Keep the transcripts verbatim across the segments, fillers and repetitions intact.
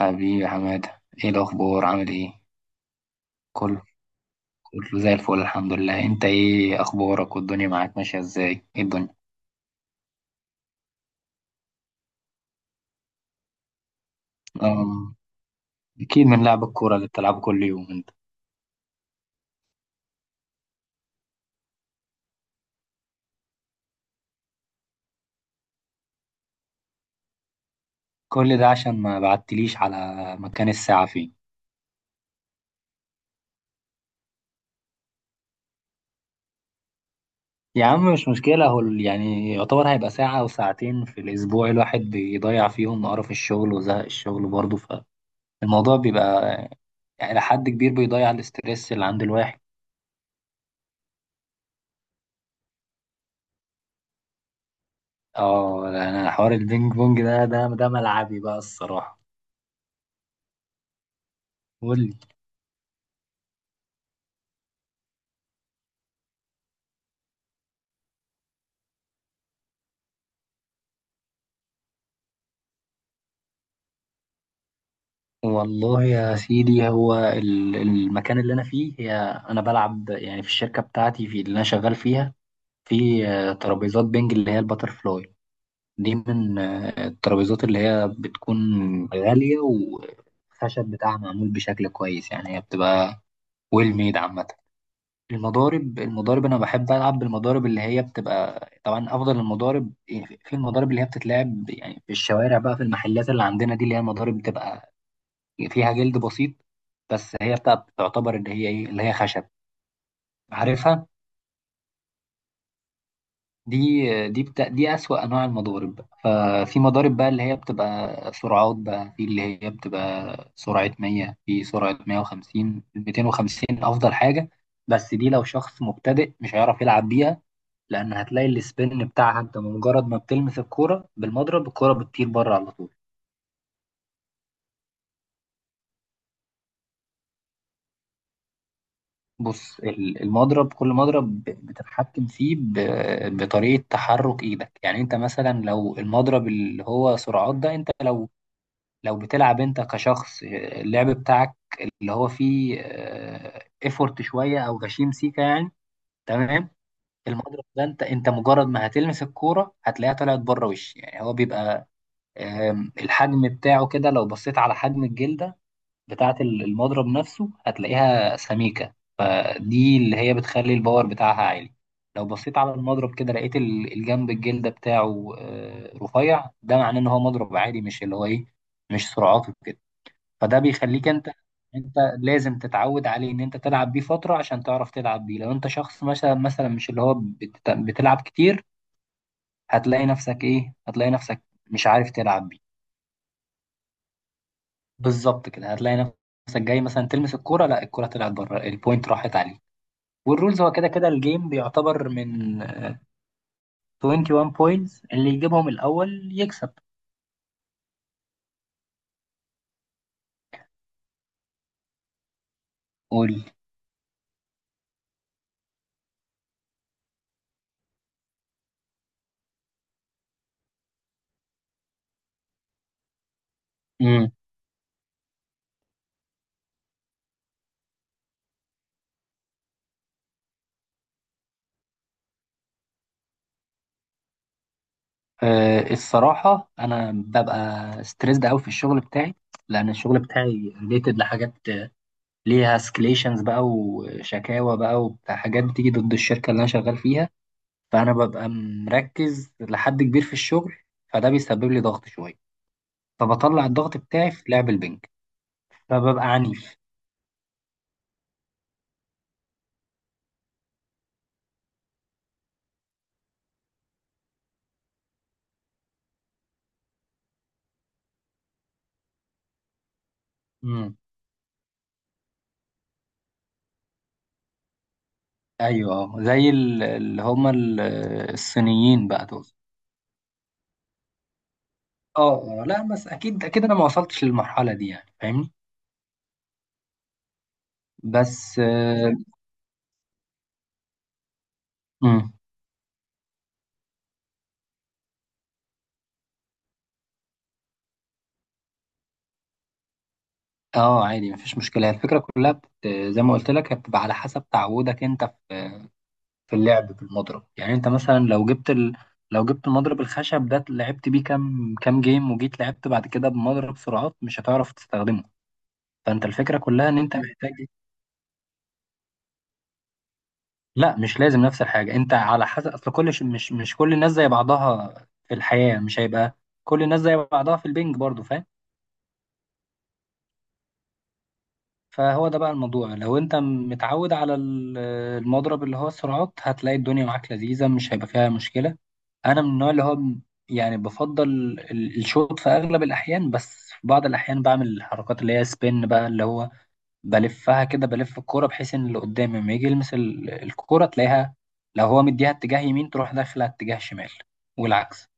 حبيبي يا حمادة، ايه الأخبار؟ عامل ايه؟ كله كله زي الفل الحمد لله. انت ايه أخبارك والدنيا معاك ماشية ازاي؟ ايه الدنيا؟ أم، أكيد من لعب الكورة اللي بتلعبه كل يوم انت. كل ده عشان ما بعتليش على مكان الساعة فين. يا عم مش مشكلة، هو ال- يعني يعتبر هيبقى ساعة أو ساعتين في الأسبوع الواحد بيضيع فيهم قرف الشغل وزهق الشغل برضه، فالموضوع بيبقى يعني إلى حد كبير بيضيع الاسترس اللي عند الواحد. اه انا حوار البينج بونج ده ده ده ملعبي بقى الصراحة. قول لي. والله يا سيدي هو ال- المكان اللي انا فيه هي، انا بلعب يعني في الشركه بتاعتي في اللي انا شغال فيها، في آه، ترابيزات بنج اللي هي الباتر فلاي. دي من آه، الترابيزات اللي هي بتكون غاليه والخشب بتاعها معمول بشكل كويس، يعني هي بتبقى ويل ميد عامه. المضارب، المضارب انا بحب العب بالمضارب اللي هي بتبقى طبعا افضل المضارب، يعني في المضارب اللي هي بتتلعب يعني في الشوارع بقى، في المحلات اللي عندنا دي اللي هي مضارب بتبقى فيها جلد بسيط، بس هي بتاعت تعتبر ان هي ايه اللي هي خشب، عارفها. دي دي بتا... دي اسوأ انواع المضارب. ففي مضارب بقى اللي هي بتبقى سرعات بقى، في اللي هي بتبقى سرعة مية، في سرعة مية وخمسين، ميتين وخمسين افضل حاجة. بس دي لو شخص مبتدئ مش هيعرف يلعب بيها، لان هتلاقي السبين بتاعها انت مجرد ما بتلمس الكورة بالمضرب الكورة بتطير بره على طول. بص ال- المضرب، كل مضرب ب- بتتحكم فيه ب- بطريقة تحرك ايدك. يعني انت مثلا لو المضرب اللي هو سرعات ده، انت لو لو بتلعب انت كشخص آه، اللعب بتاعك اللي هو فيه ايفورت شوية او غشيم سيكا يعني، تمام. المضرب ده انت انت مجرد ما هتلمس الكورة هتلاقيها طلعت بره وش، يعني هو بيبقى آم، الحجم بتاعه كده، لو بصيت على حجم الجلدة بتاعة ال- المضرب نفسه هتلاقيها سميكة، فدي اللي هي بتخلي الباور بتاعها عالي. لو بصيت على المضرب كده لقيت ال- الجنب الجلدة بتاعه آه، رفيع، ده معناه ان هو مضرب عادي مش اللي هو ايه، مش سرعاته كده. فده بيخليك انت، انت لازم تتعود عليه ان انت تلعب بيه فترة عشان تعرف تلعب بيه. لو انت شخص مثلا مثلا مش اللي هو بت- بتلعب كتير هتلاقي نفسك ايه، هتلاقي نفسك مش عارف تلعب بيه. بالظبط كده، هتلاقي نفسك جاي مثلا تلمس الكوره، لا الكوره طلعت بره البوينت راحت عليه. والرولز هو كده كده الجيم بيعتبر من واحد وعشرين بوينتس، اللي يجيبهم الاول يكسب. قول. امم. أه الصراحه انا ببقى ستريسد قوي في الشغل بتاعي، لان الشغل بتاعي ريليتد لحاجات ليها اسكليشنز بقى وشكاوى بقى وبتاع، حاجات بتيجي ضد الشركه اللي انا شغال فيها. فانا ببقى مركز لحد كبير في الشغل، فده بيسبب لي ضغط شويه، فبطلع الضغط بتاعي في لعب البنج، فببقى عنيف. امم. ايوه، اه، زي ال- اللي هما ال- الصينيين بقى تقصد. اه اه لا بس اكيد اكيد انا ما وصلتش للمرحله دي يعني فاهمني. بس اه. مم. آه، عادي مفيش مشكله، هي الفكره كلها بت... زي ما قلت لك هي بتبقى على حسب تعودك انت في في اللعب بالمضرب. يعني انت مثلا لو جبت ال... لو جبت المضرب الخشب ده لعبت بيه كام كام جيم وجيت لعبت بعد كده بمضرب سرعات مش هتعرف تستخدمه، فانت الفكره كلها ان انت محتاج. لا مش لازم نفس الحاجة، انت على حسب اصل كل ش... مش مش كل الناس زي بعضها في الحياة، مش هيبقى كل الناس زي بعضها في البنج برضو، فاهم. فهو ده بقى الموضوع، لو انت متعود على ال- المضرب اللي هو السرعات هتلاقي الدنيا معاك لذيذة مش هيبقى فيها مشكلة. انا من النوع اللي هو م- يعني بفضل ال- الشوط في اغلب الاحيان، بس في بعض الاحيان بعمل الحركات اللي هي سبين بقى اللي هو بلفها كده، بلف الكورة بحيث ان اللي قدامي لما يجي يلمس ال- الكورة تلاقيها، لو هو مديها اتجاه يمين تروح داخلة اتجاه شمال، والعكس.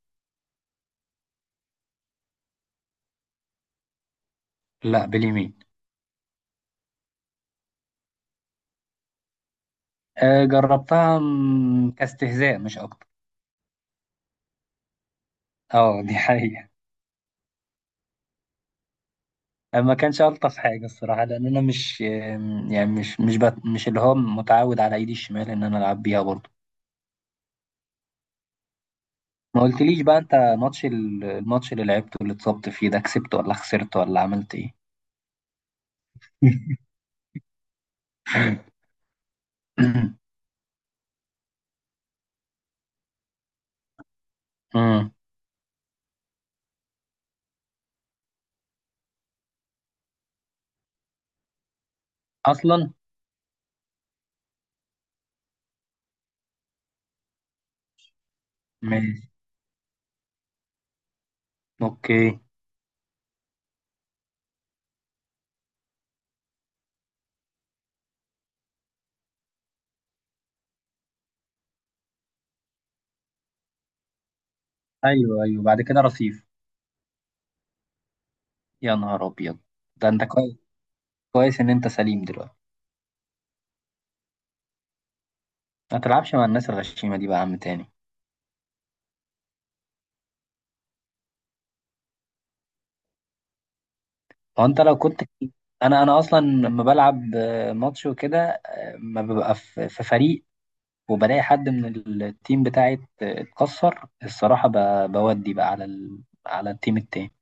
لا، باليمين. آه، جربتها م- كاستهزاء مش اكتر. اه دي حقيقة. آه، ما كانش الطف حاجة الصراحة، لان انا مش آم، يعني مش مش بت... مش اللي هو متعود على ايدي الشمال ان انا العب بيها برضه. ما قلتليش بقى انت، ماتش ال- الماتش اللي لعبته اللي اتصبت فيه ده، كسبت ولا خسرت ولا عملت ايه؟ مم. اصلا. اوكي. ايوه ايوه بعد كده رصيف. يا نهار ابيض. ده انت كويس، كويس ان انت سليم دلوقتي. ما تلعبش مع الناس الغشيمه دي بقى يا عم تاني. هو انت لو كنت، انا انا اصلا لما بلعب آه، ماتش وكده آه، ما ببقى في في فريق وبلاقي حد من التيم بتاعي ات- اتكسر الصراحه ب- بودي بقى على ال... على التيم التاني.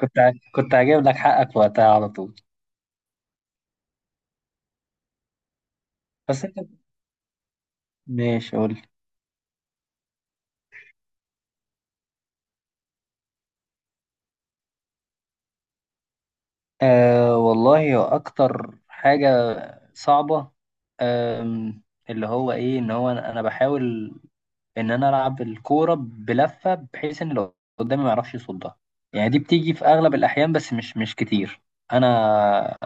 كنت ع- كنت هجيب لك حقك وقتها على طول. بس انت، ماشي قول. أه والله هو أكتر حاجة صعبة، أم، اللي هو إيه، إن هو أنا أنا بحاول إن أنا ألعب الكورة بلفة بحيث إن اللي قدامي ما يعرفش يصدها، يعني دي بتيجي في أغلب الأحيان بس مش مش كتير. أنا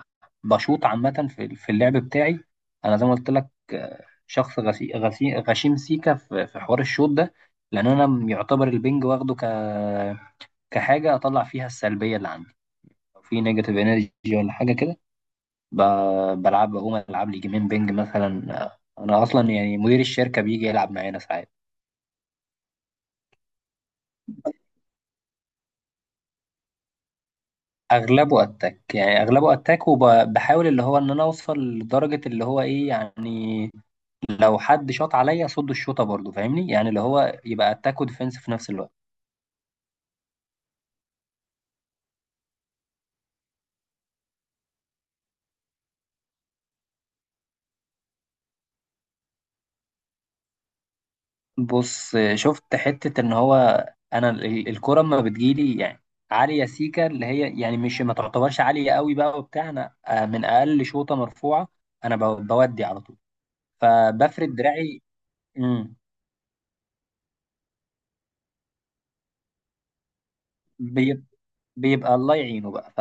بشوط عامة في في اللعب بتاعي، أنا زي ما قلت لك آه، شخص غسي غسي غشيم سيكا في في حوار الشوط ده، لأن أنا يعتبر البنج واخده ك كحاجة أطلع فيها السلبية اللي عندي، لو في نيجاتيف إنرجي ولا حاجة كده ب- بلعب. هو العب لي جيمين بينج مثلا، آه، انا اصلا يعني مدير الشركه بيجي يلعب معانا ساعات. اغلبه اتاك، يعني اغلبه اتاك وبحاول اللي هو ان انا اوصل لدرجه اللي هو ايه يعني، لو حد شاط عليا اصد الشوطه برضه فاهمني، يعني اللي هو يبقى اتاك وديفenس في نفس الوقت. بص آه، شفت حته ان هو، انا ال- الكره اما بتجيلي، يعني عاليه سيكا اللي هي يعني مش ما تعتبرش عاليه قوي بقى وبتاع، انا آه، من اقل شوطه مرفوعه انا ب- بودي على طول، فبفرد دراعي. امم. بيب- بيبقى الله يعينه بقى،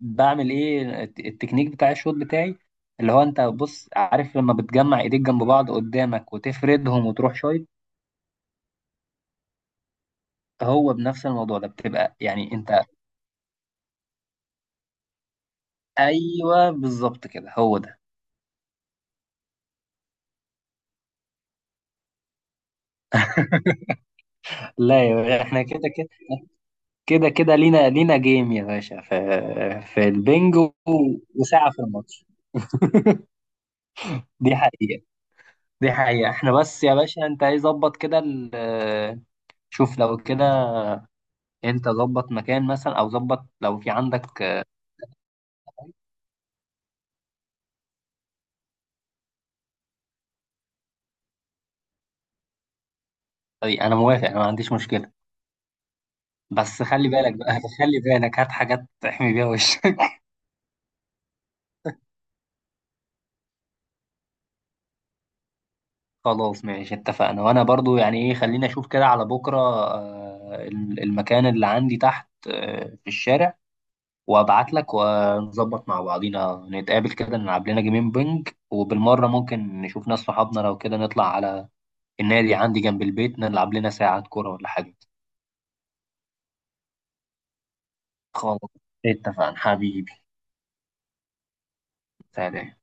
فبعمل ايه الت- التكنيك بتاع الشوط بتاعي اللي هو، انت بص عارف لما بتجمع ايديك جنب بعض قدامك وتفردهم وتروح شايط، هو بنفس الموضوع ده، بتبقى يعني انت. ايوه بالظبط كده، هو ده. لا يا باشا، احنا كده كده، كده كده لينا لينا جيم يا باشا، في في البنج و- وساعة في الماتش، دي حقيقة، دي حقيقة. احنا بس يا باشا انت ايه ظبط كده، شوف لو كده انت ظبط مكان مثلا او ظبط لو في عندك آه، طريق، انا موافق، انا ما عنديش مشكلة. بس خلي بالك بقى. خلي بالك، هات حاجات تحمي بيها وشك. خلاص ماشي اتفقنا، وانا برضو يعني ايه، خليني اشوف كده على بكرة آه، ال- المكان اللي عندي تحت آه، في الشارع، وابعت لك ونظبط مع بعضينا نتقابل كده نلعب لنا جيمين بنج، وبالمرة ممكن نشوف ناس صحابنا لو كده نطلع على النادي عندي جنب البيت نلعب لنا ساعة كورة ولا حاجة. خلاص، اتفقنا حبيبي. سلام.